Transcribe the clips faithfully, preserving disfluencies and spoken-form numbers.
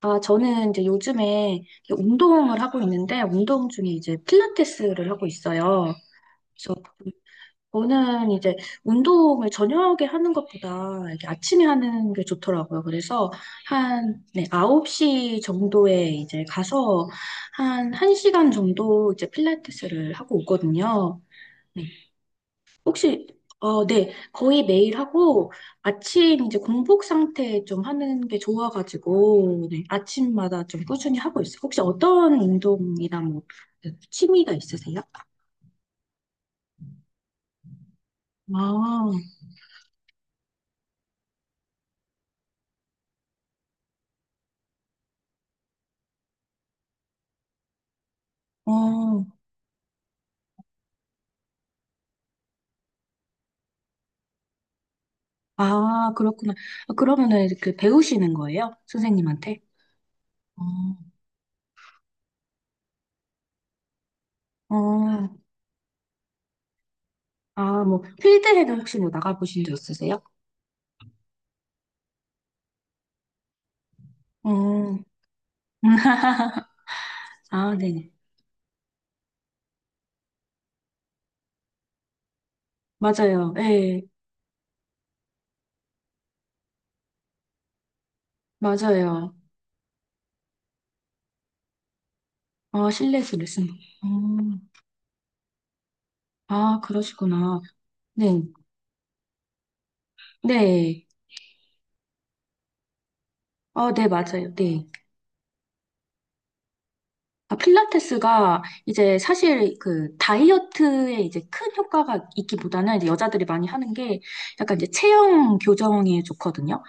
아, 저는 이제 요즘에 운동을 하고 있는데, 운동 중에 이제 필라테스를 하고 있어요. 그래서 저는 이제 운동을 저녁에 하는 것보다 이렇게 아침에 하는 게 좋더라고요. 그래서 한, 네, 아홉 시 정도에 이제 가서 한 1시간 정도 이제 필라테스를 하고 오거든요. 네. 혹시, 어, 네. 거의 매일 하고, 아침 이제 공복 상태 좀 하는 게 좋아가지고, 네, 아침마다 좀 꾸준히 하고 있어요. 혹시 어떤 운동이나 뭐, 취미가 있으세요? 아, 어, 아, 그렇구나. 아, 그러면은 그 배우시는 거예요? 선생님한테? 어, 어, 아, 뭐, 필드에는 혹시 뭐 나가보신 적 있으세요? 어, 아, 네네. 맞아요. 예, 맞아요. 어, 실내 수레쓰. 아, 그러시구나. 네. 네. 어, 네, 맞아요. 네. 아, 필라테스가 이제 사실 그 다이어트에 이제 큰 효과가 있기보다는 이제 여자들이 많이 하는 게 약간 이제 체형 교정에 좋거든요.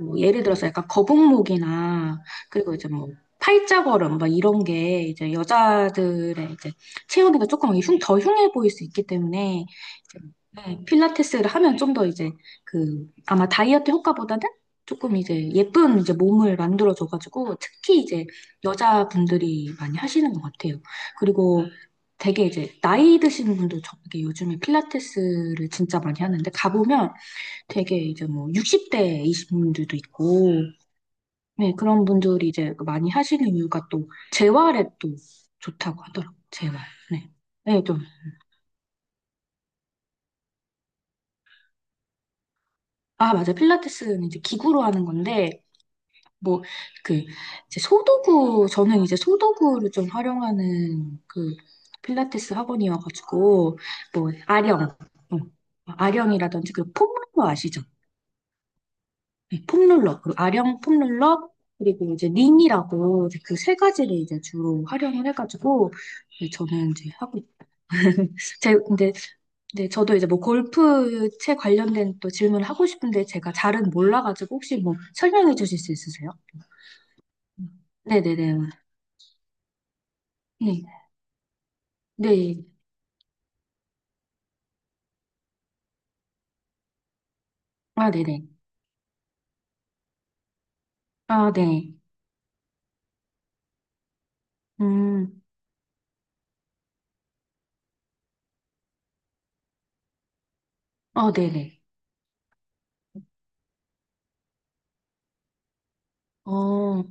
뭐 예를 들어서 약간 거북목이나 그리고 이제 뭐 팔자걸음 막 이런 게 이제 여자들의 이제 체형이 조금 흉, 더 흉해 보일 수 있기 때문에 이제, 네, 필라테스를 하면 좀 더 이제 그 아마 다이어트 효과보다는 조금 이제 예쁜 이제 몸을 만들어줘가지고 특히 이제 여자분들이 많이 하시는 것 같아요. 그리고 되게 이제 나이 드신 분도 저게 요즘에 필라테스를 진짜 많이 하는데 가보면 되게 이제 뭐 육십 대이신 분들도 있고, 네, 그런 분들이 이제 많이 하시는 이유가 또 재활에 또 좋다고 하더라고요. 재활. 네. 네, 좀. 아, 맞아. 필라테스는 이제 기구로 하는 건데 뭐, 그, 이제 소도구, 저는 이제 소도구를 좀 활용하는 그 필라테스 학원이어가지고, 뭐, 아령, 어, 아령이라든지 그 폼롤러 아시죠? 네, 폼롤러, 그 아령 폼롤러, 그리고 이제 링이라고 그 세 가지를 이제 주로 활용을 해가지고, 네, 저는 이제 하고, 제, 근데, 네, 저도 이제 뭐 골프채 관련된 또 질문을 하고 싶은데 제가 잘은 몰라가지고 혹시 뭐 설명해 주실 수 있으세요? 음. 네네네. 네. 네. 아, 네네. 아, 네. 음, 어, 네네. 어, 어,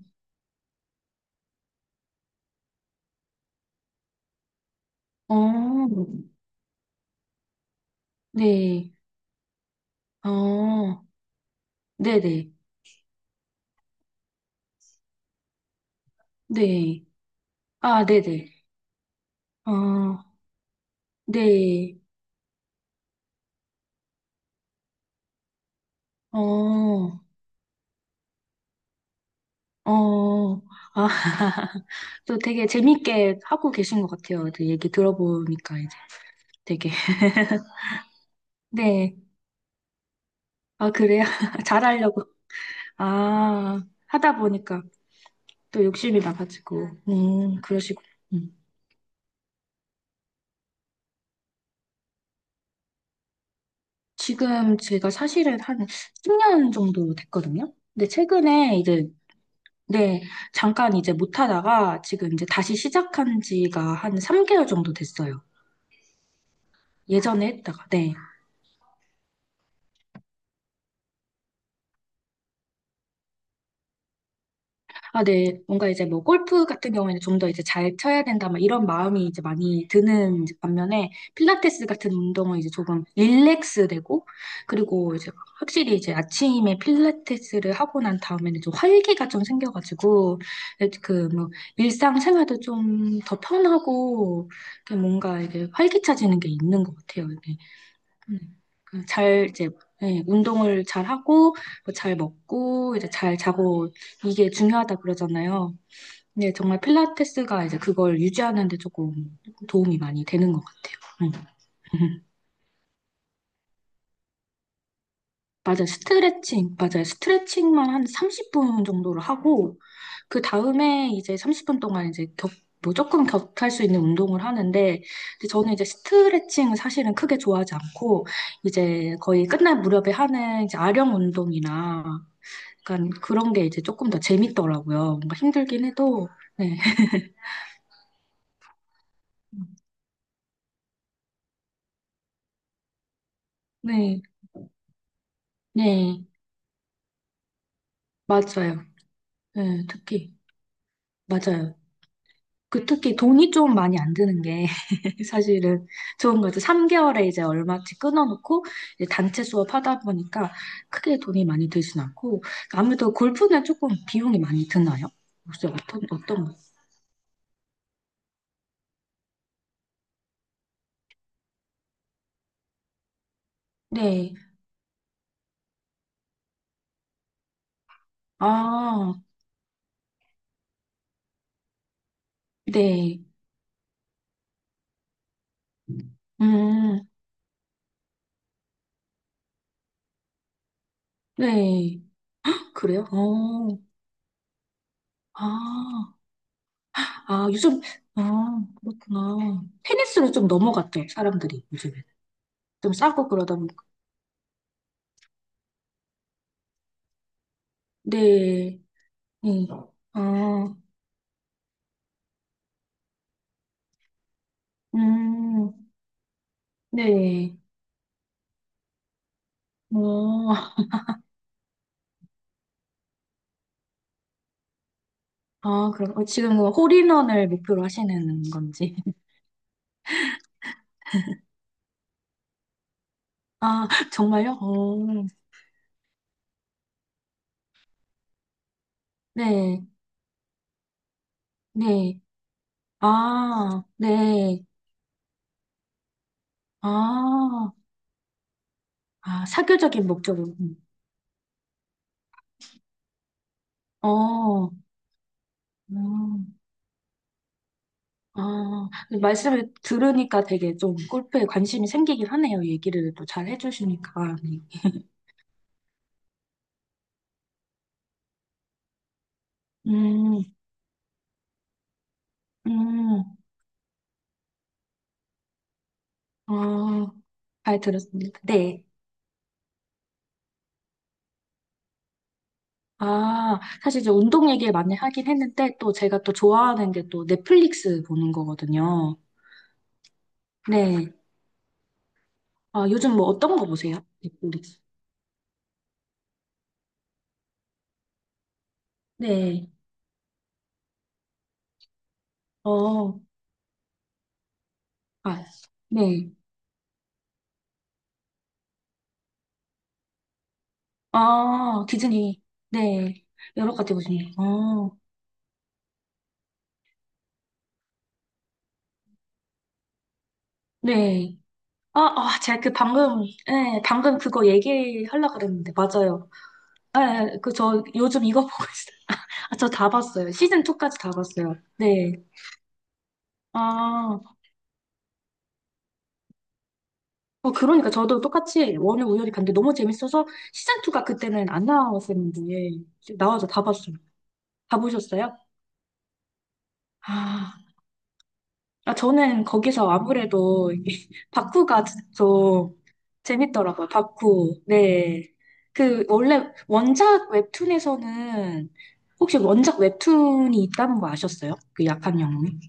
네. 어, 네네. 네. 아, 네네. 어, 네. 어, 어. 아, 또 되게 재밌게 하고 계신 것 같아요. 또 얘기 들어보니까 이제 되게. 네. 아, 그래요? 잘하려고. 아, 하다 보니까 또 욕심이 나가지고. 음, 그러시고. 음. 지금 제가 사실은 한 십 년 정도 됐거든요. 근데 최근에 이제, 네, 잠깐 이제 못 하다가 지금 이제 다시 시작한 지가 한 삼 개월 정도 됐어요. 예전에 했다가, 네. 아, 네. 뭔가 이제 뭐 골프 같은 경우에는 좀 더 이제 잘 쳐야 된다, 막 이런 마음이 이제 많이 드는 이제 반면에 필라테스 같은 운동은 이제 조금 릴렉스 되고, 그리고 이제 확실히 이제 아침에 필라테스를 하고 난 다음에는 좀 활기가 좀 생겨가지고 그 뭐 일상생활도 좀 더 편하고 이렇게 뭔가 이게 활기차지는 게 있는 것 같아요. 네. 그잘 이제, 예, 운동을 잘 하고 뭐잘 먹고 이제 잘 자고 이게 중요하다 그러잖아요. 네, 정말 필라테스가 이제 그걸 유지하는 데 조금 도움이 많이 되는 것 같아요. 음. 맞아요. 스트레칭, 맞아요. 스트레칭만 한 삼십 분 정도를 하고, 그 다음에 이제 삼십 분 동안 이제 격, 뭐 조금 격할 수 있는 운동을 하는데, 근데 저는 이제 스트레칭은 사실은 크게 좋아하지 않고, 이제 거의 끝날 무렵에 하는 이제 아령 운동이나, 약간 그런 게 이제 조금 더 재밌더라고요. 뭔가 힘들긴 해도, 네. 네, 네, 맞아요. 네, 특히, 맞아요. 그 특히 돈이 좀 많이 안 드는 게 사실은 좋은 거죠. 삼 개월에 이제 얼마치 끊어놓고 이제 단체 수업하다 보니까 크게 돈이 많이 들진 않고 아무래도 골프는 조금 비용이 많이 드나요? 혹시 어떤 어떤 거? 네. 아, 네. 음, 네. 그래요? 어, 아, 아, 요즘, 아, 그렇구나. 테니스로 좀 넘어갔죠, 사람들이 요즘에. 좀 싸고 그러다 보니까. 네, 네. 아, 음, 네. 어, 아, 그럼 어, 지금 뭐 홀인원을 목표로 하시는 건지. 아, 정말요? 어, 네, 네. 아, 네. 아, 아, 사교적인 목적으로. 음. 어, 음, 아, 말씀을 들으니까 되게 좀 골프에 관심이 생기긴 하네요. 얘기를 또 잘 해주시니까. 네. 음, 음, 아, 잘 들었습니다. 네. 아, 사실 이제 운동 얘기를 많이 하긴 했는데 또 제가 또 좋아하는 게 또 넷플릭스 보는 거거든요. 네. 아, 요즘 뭐 어떤 거 보세요? 넷플릭스. 네. 어, 아, 네. 아, 디즈니. 네. 여러 가지 보시네요. 어, 네. 아, 아, 제가 그 방금, 네, 방금 그거 얘기하려고 그랬는데, 맞아요. 네, 그 저 요즘 이거 보고 있어요. 아, 저 다 봤어요. 시즌 이까지 다 봤어요. 네. 아. 어, 그러니까 저도 똑같이 원을 우연히 봤는데 너무 재밌어서 시즌이가 그때는 안 나왔었는데 이제 나와서 다 봤어요. 다 보셨어요? 아, 아, 저는 거기서 아무래도 이게 바쿠가 좀 재밌더라고요. 바쿠. 네. 그 원래 원작 웹툰에서는 혹시 원작 웹툰이 있다는 거 아셨어요? 그 약한 영웅이?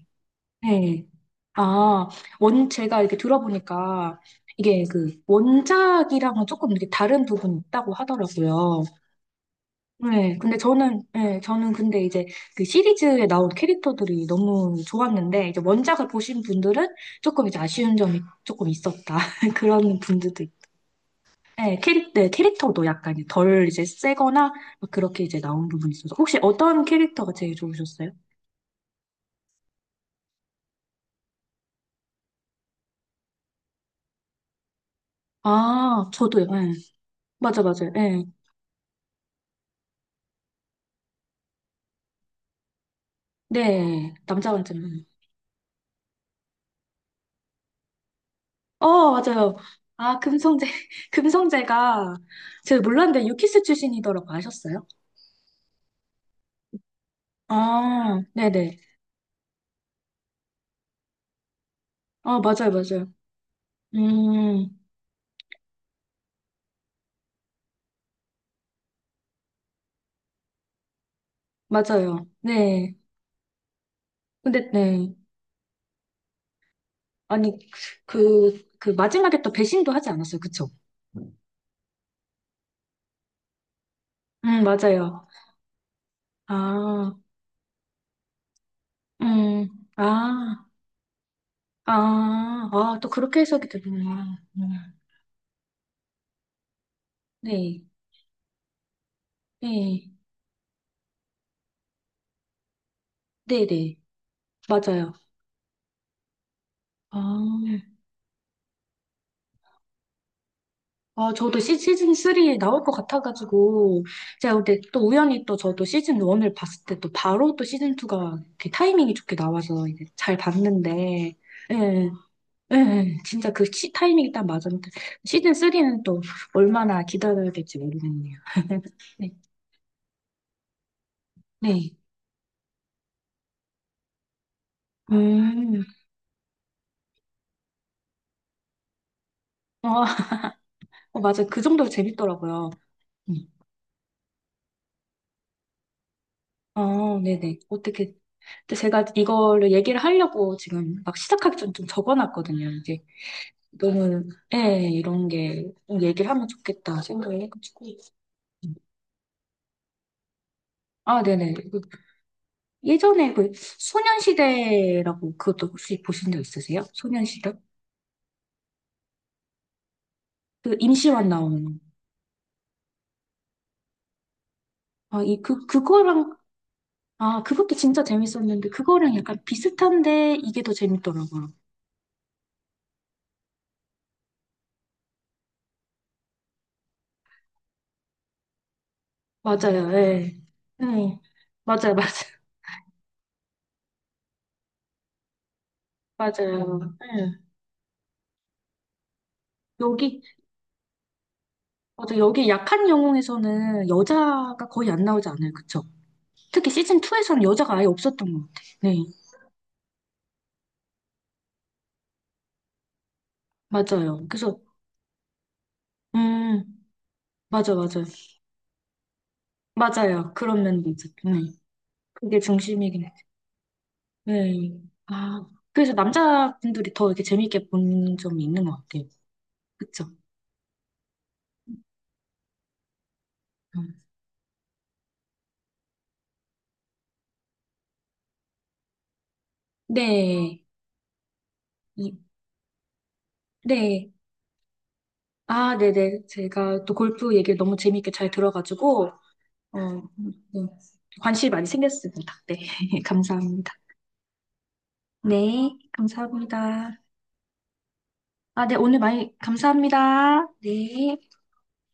네. 아, 원, 제가 이렇게 들어보니까 이게 그 원작이랑은 조금 이렇게 다른 부분이 있다고 하더라고요. 네. 근데 저는, 네, 저는 근데 이제 그 시리즈에 나온 캐릭터들이 너무 좋았는데, 이제 원작을 보신 분들은 조금 이제 아쉬운 점이 조금 있었다. 그런 분들도 있 네, 캐릭, 네, 캐릭터도 약간 덜 이제 세거나 막 그렇게 이제 나온 부분이 있어서. 혹시 어떤 캐릭터가 제일 좋으셨어요? 아, 저도요. 예. 맞아, 맞아요. 예. 네, 남자 관점. 어, 맞아요. 아, 금성재. 금성재가, 제가 몰랐는데 유키스 출신이더라고 아셨어요? 아, 네네. 아, 맞아요, 맞아요. 음, 맞아요. 네. 근데, 네. 아니, 그, 그 마지막에 또 배신도 하지 않았어요. 그쵸? 음, 맞아요. 아, 음, 아, 아, 아, 또 그렇게 해석이 되는구나. 음, 네, 네, 네네. 맞아요. 아. 아, 저도 시, 시즌 쓰리 나올 것 같아가지고, 제가 근데 또 우연히 또 저도 시즌 일을 봤을 때 또 바로 또 시즌 이가 타이밍이 좋게 나와서 이제 잘 봤는데, 예, 예, 진짜 그 시, 타이밍이 딱 맞았는데, 시즌 삼은 또 얼마나 기다려야 될지 모르겠네요. 네, 네. 음, 아, 어, 맞아. 그 정도로 재밌더라고요. 음. 어, 네네. 어떻게, 근데 제가 이거를 얘기를 하려고 지금 막 시작하기 전좀 적어놨거든요. 이제 너무, 예, 이런 게좀 얘기하면 좋겠다 생각을 해가지고. 아, 네네. 그 예전에 그 소년시대라고 그것도 혹시 보신 적 있으세요? 소년시대? 그 임시완 나오는. 아, 이, 그, 그거랑, 아, 그것도 진짜 재밌었는데, 그거랑 약간 비슷한데, 이게 더 재밌더라고요. 맞아요, 예. 네. 맞아요, 맞아요, 맞아요. 예. 여기, 맞아, 여기 약한 영웅에서는 여자가 거의 안 나오지 않아요, 그쵸? 특히 시즌이에서는 여자가 아예 없었던 것 같아. 요 네, 맞아요. 그래서, 음, 맞아, 맞아. 맞아요. 그런 면도 있었 네. 그게 중심이긴 해. 네. 아, 그래서 남자분들이 더 이렇게 재밌게 본 점이 있는 것 같아요. 그쵸? 음. 네. 이, 네. 아, 네네. 제가 또 골프 얘기를 너무 재밌게 잘 들어가지고, 어, 네. 관심이 많이 생겼습니다. 네. 감사합니다. 네. 감사합니다. 아, 네. 오늘 많이 감사합니다. 네.